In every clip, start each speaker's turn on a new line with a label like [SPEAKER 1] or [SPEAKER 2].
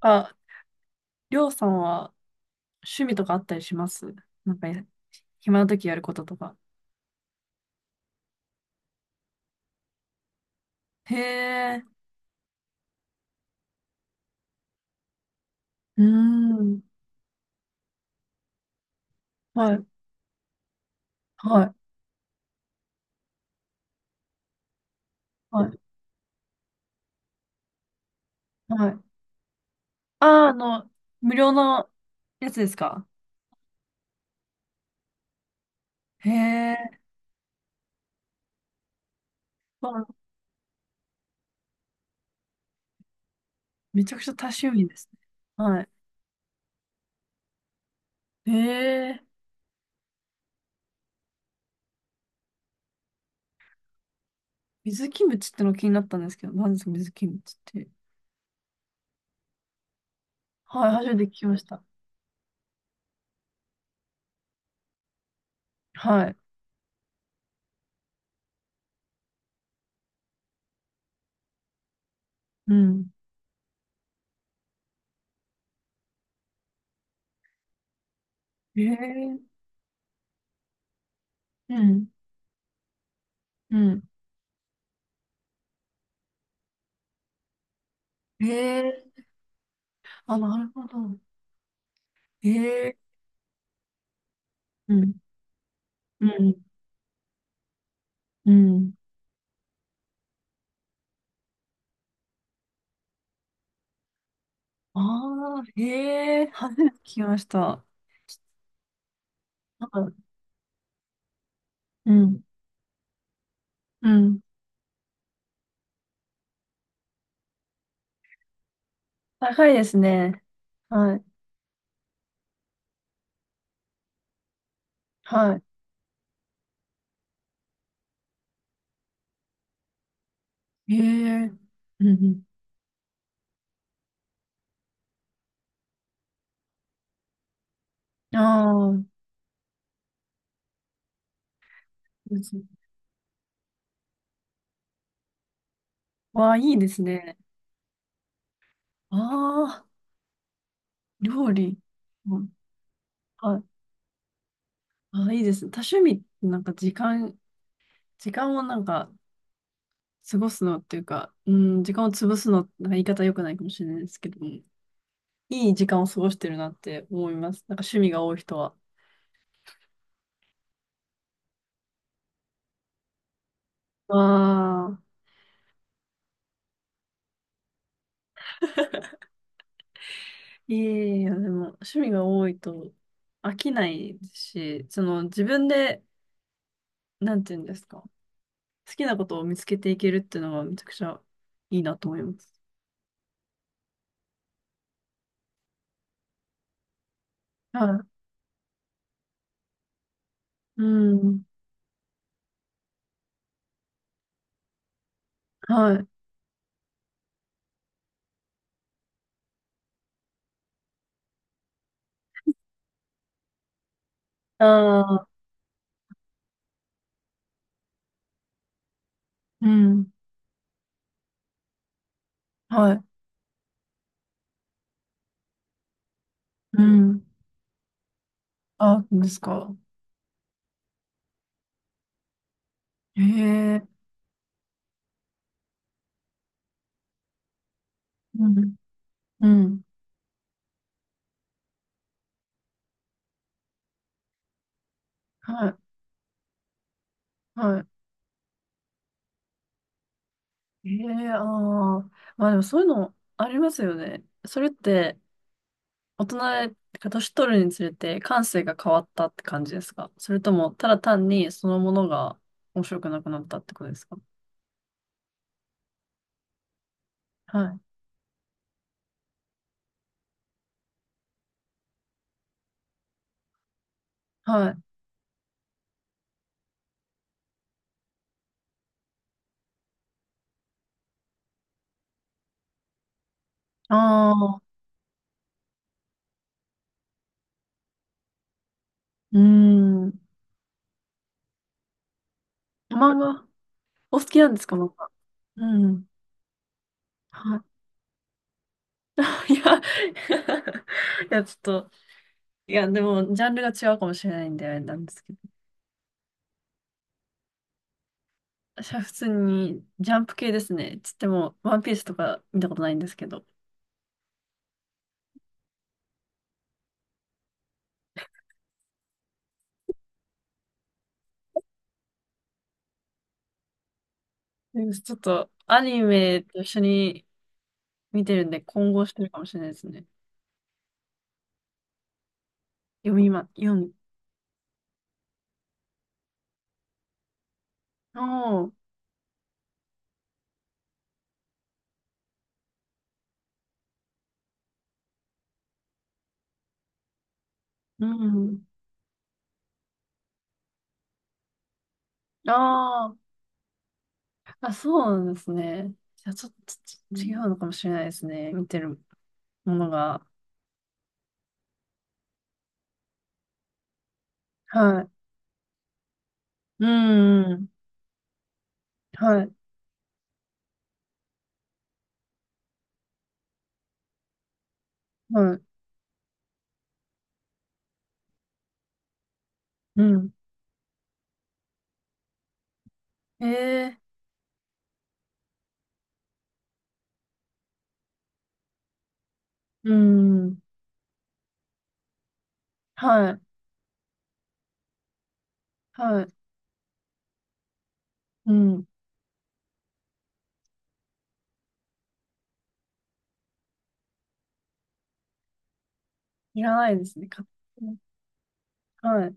[SPEAKER 1] あ、りょうさんは趣味とかあったりします？なんかや、暇な時やることとか。へえ。うーん。はい。はい。はい。はい。ああ、あの、無料のやつですか？へえ。わ、めちゃくちゃ多趣味ですね。はい。へえ、水キムチっての気になったんですけど、何ですか、水キムチって。はい、初めて聞きました。はい。うん。へえ。うん。うん。へえ。あ、なるほど。へえ。うん。うん。うん。ああ、へえ、初めて聞きました。なんか、うん。うん。高いですね。はい。はい。へえ。うんうん。ああ、です、わあ、いいですね。ああ、料理。うん。はい。ああ、いいですね。多趣味ってなんか時間、時間をなんか過ごすのっていうか、うん、時間を潰すの、なんか言い方良くないかもしれないですけども、いい時間を過ごしてるなって思います。なんか趣味が多い人は。わあ、いえいえ、でも趣味が多いと飽きないし、その自分で、なんていうんですか、好きなことを見つけていけるっていうのがめちゃくちゃいいなと思います。はい。うん。はい。ああ。うん。はい。うん。あ、そうですか。へえ。うん。うん。はい。はい。へえ、ああ。まあでもそういうのありますよね。それって、大人が年取るにつれて感性が変わったって感じですか？それとも、ただ単にそのものが面白くなくなったってことですか？はい。はい。ああ。うーん。漫画、お好きなんですか、漫画。うん。はい。いや、いや、ちょっと、いや、でも、ジャンルが違うかもしれないんで、あれなんですけど。私は普通に、ジャンプ系ですね。つっても、ワンピースとか見たことないんですけど。でもちょっと、アニメと一緒に見てるんで、混合してるかもしれないですね。読みま、読ん、おー。うん。あー、あ、そうなんですね。じゃあ、ちょっと違うのかもしれないですね。見てるものが。はい。うん、うん。はい、はい、うん。ええー、うん。はい、はい、うん。いらないですね。勝手に、はい、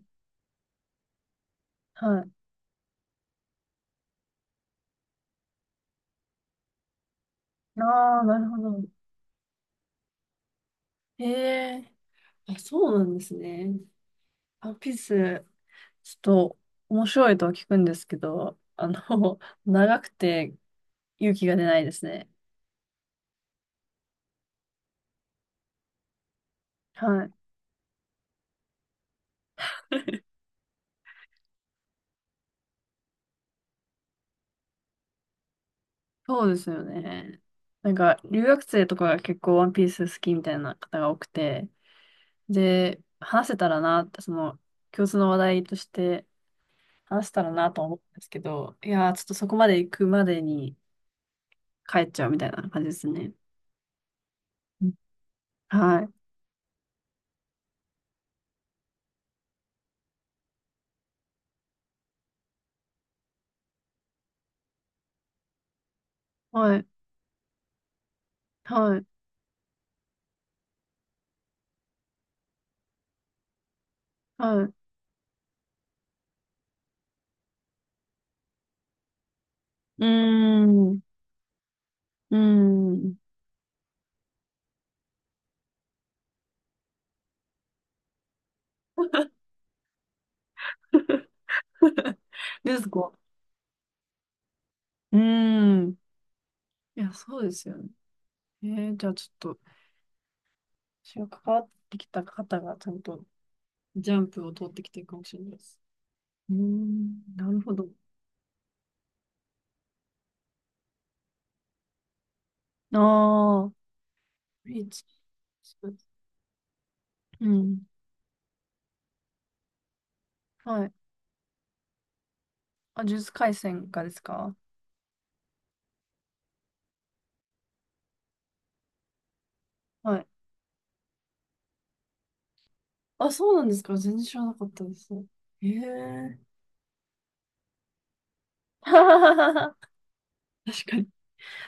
[SPEAKER 1] はい。ああ、なるほど。ええー、あ、そうなんですね。ワンピース。ちょっと面白いとは聞くんですけど、あの、長くて勇気が出ないですね。はい。そうですよね。なんか、留学生とかが結構ワンピース好きみたいな方が多くて、で、話せたらなって、その、共通の話題として話せたらなと思ったんですけど、いやー、ちょっとそこまで行くまでに帰っちゃうみたいな感じですね。うん、はい。はい。はい。はい。うーん。うーん。ですか？うーん。いや、そうですよね。えー、じゃあちょっと、私が関わってきた方がちゃんとジャンプを通ってきてるかもしれないです。うーん、なるほど。ああ、いいで、うん。はい。あ、呪術廻戦がですか？はい。あ、そうなんですか。全然知らなかったです。ええ。 確かに。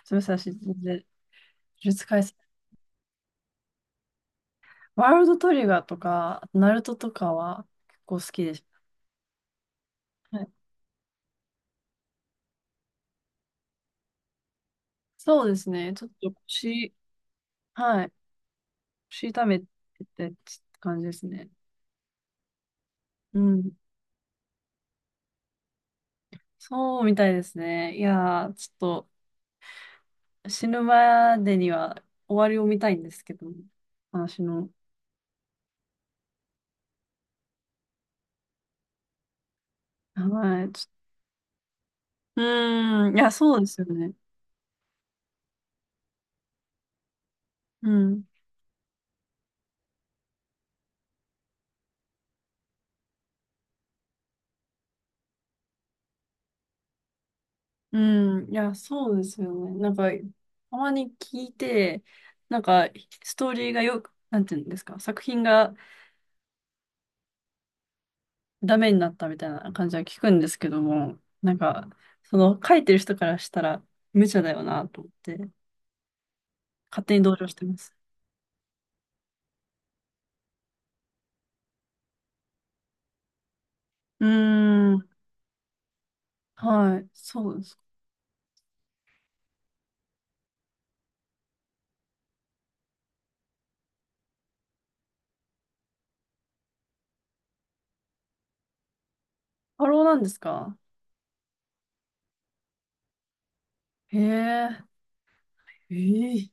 [SPEAKER 1] すみません、私、全然、呪術廻戦。ワールドトリガーとか、ナルトとかは結構好きでした。はい。そうですね。ちょっと腰、はい。腰痛めてって感じですね。うん。そうみたいですね。いやー、ちょっと死ぬまでには終わりを見たいんですけど、話の。はい。ちょ、うーん。いや、そうですよね。うん。うん。いや、そうですよね。なんか、たまに聞いて、なんか、ストーリーがよく、なんていうんですか、作品がダメになったみたいな感じは聞くんですけども、なんか、その書いてる人からしたら無茶だよなと思って。勝手に同情してます。うーん。はい。そうですか。過労なんですか？へえ。ええ、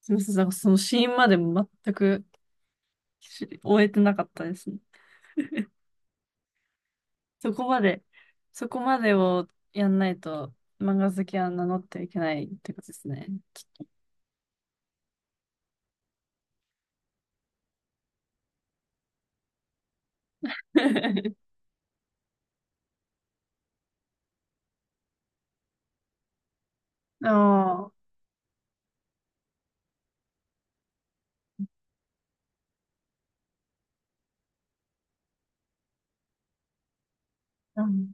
[SPEAKER 1] すみません。なんかその死因までも全くし終えてなかったですね。そこまで、そこまでをやんないと漫画好きは名乗ってはいけないってことですね。ああ、うん、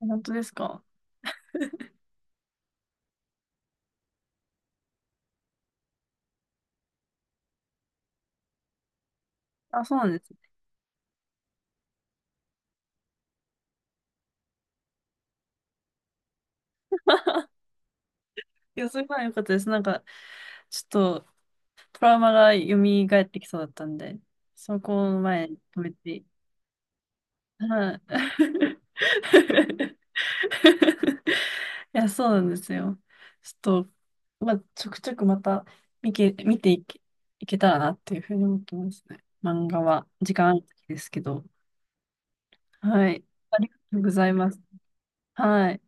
[SPEAKER 1] 本当ですか。あ、そうなんですね。いや、それは良かったです。なんか、ちょっとトラウマが蘇ってきそうだったんで、そこの前に止めて。はい。いや、そうなんですよ。ちょっと、まあ、ちょくちょくまた見け、見ていけ、いけたらなっていうふうに思ってますね。漫画は、時間ある時ですけど。はい。ありがとうございます。はい。あ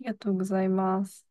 [SPEAKER 1] りがとうございます。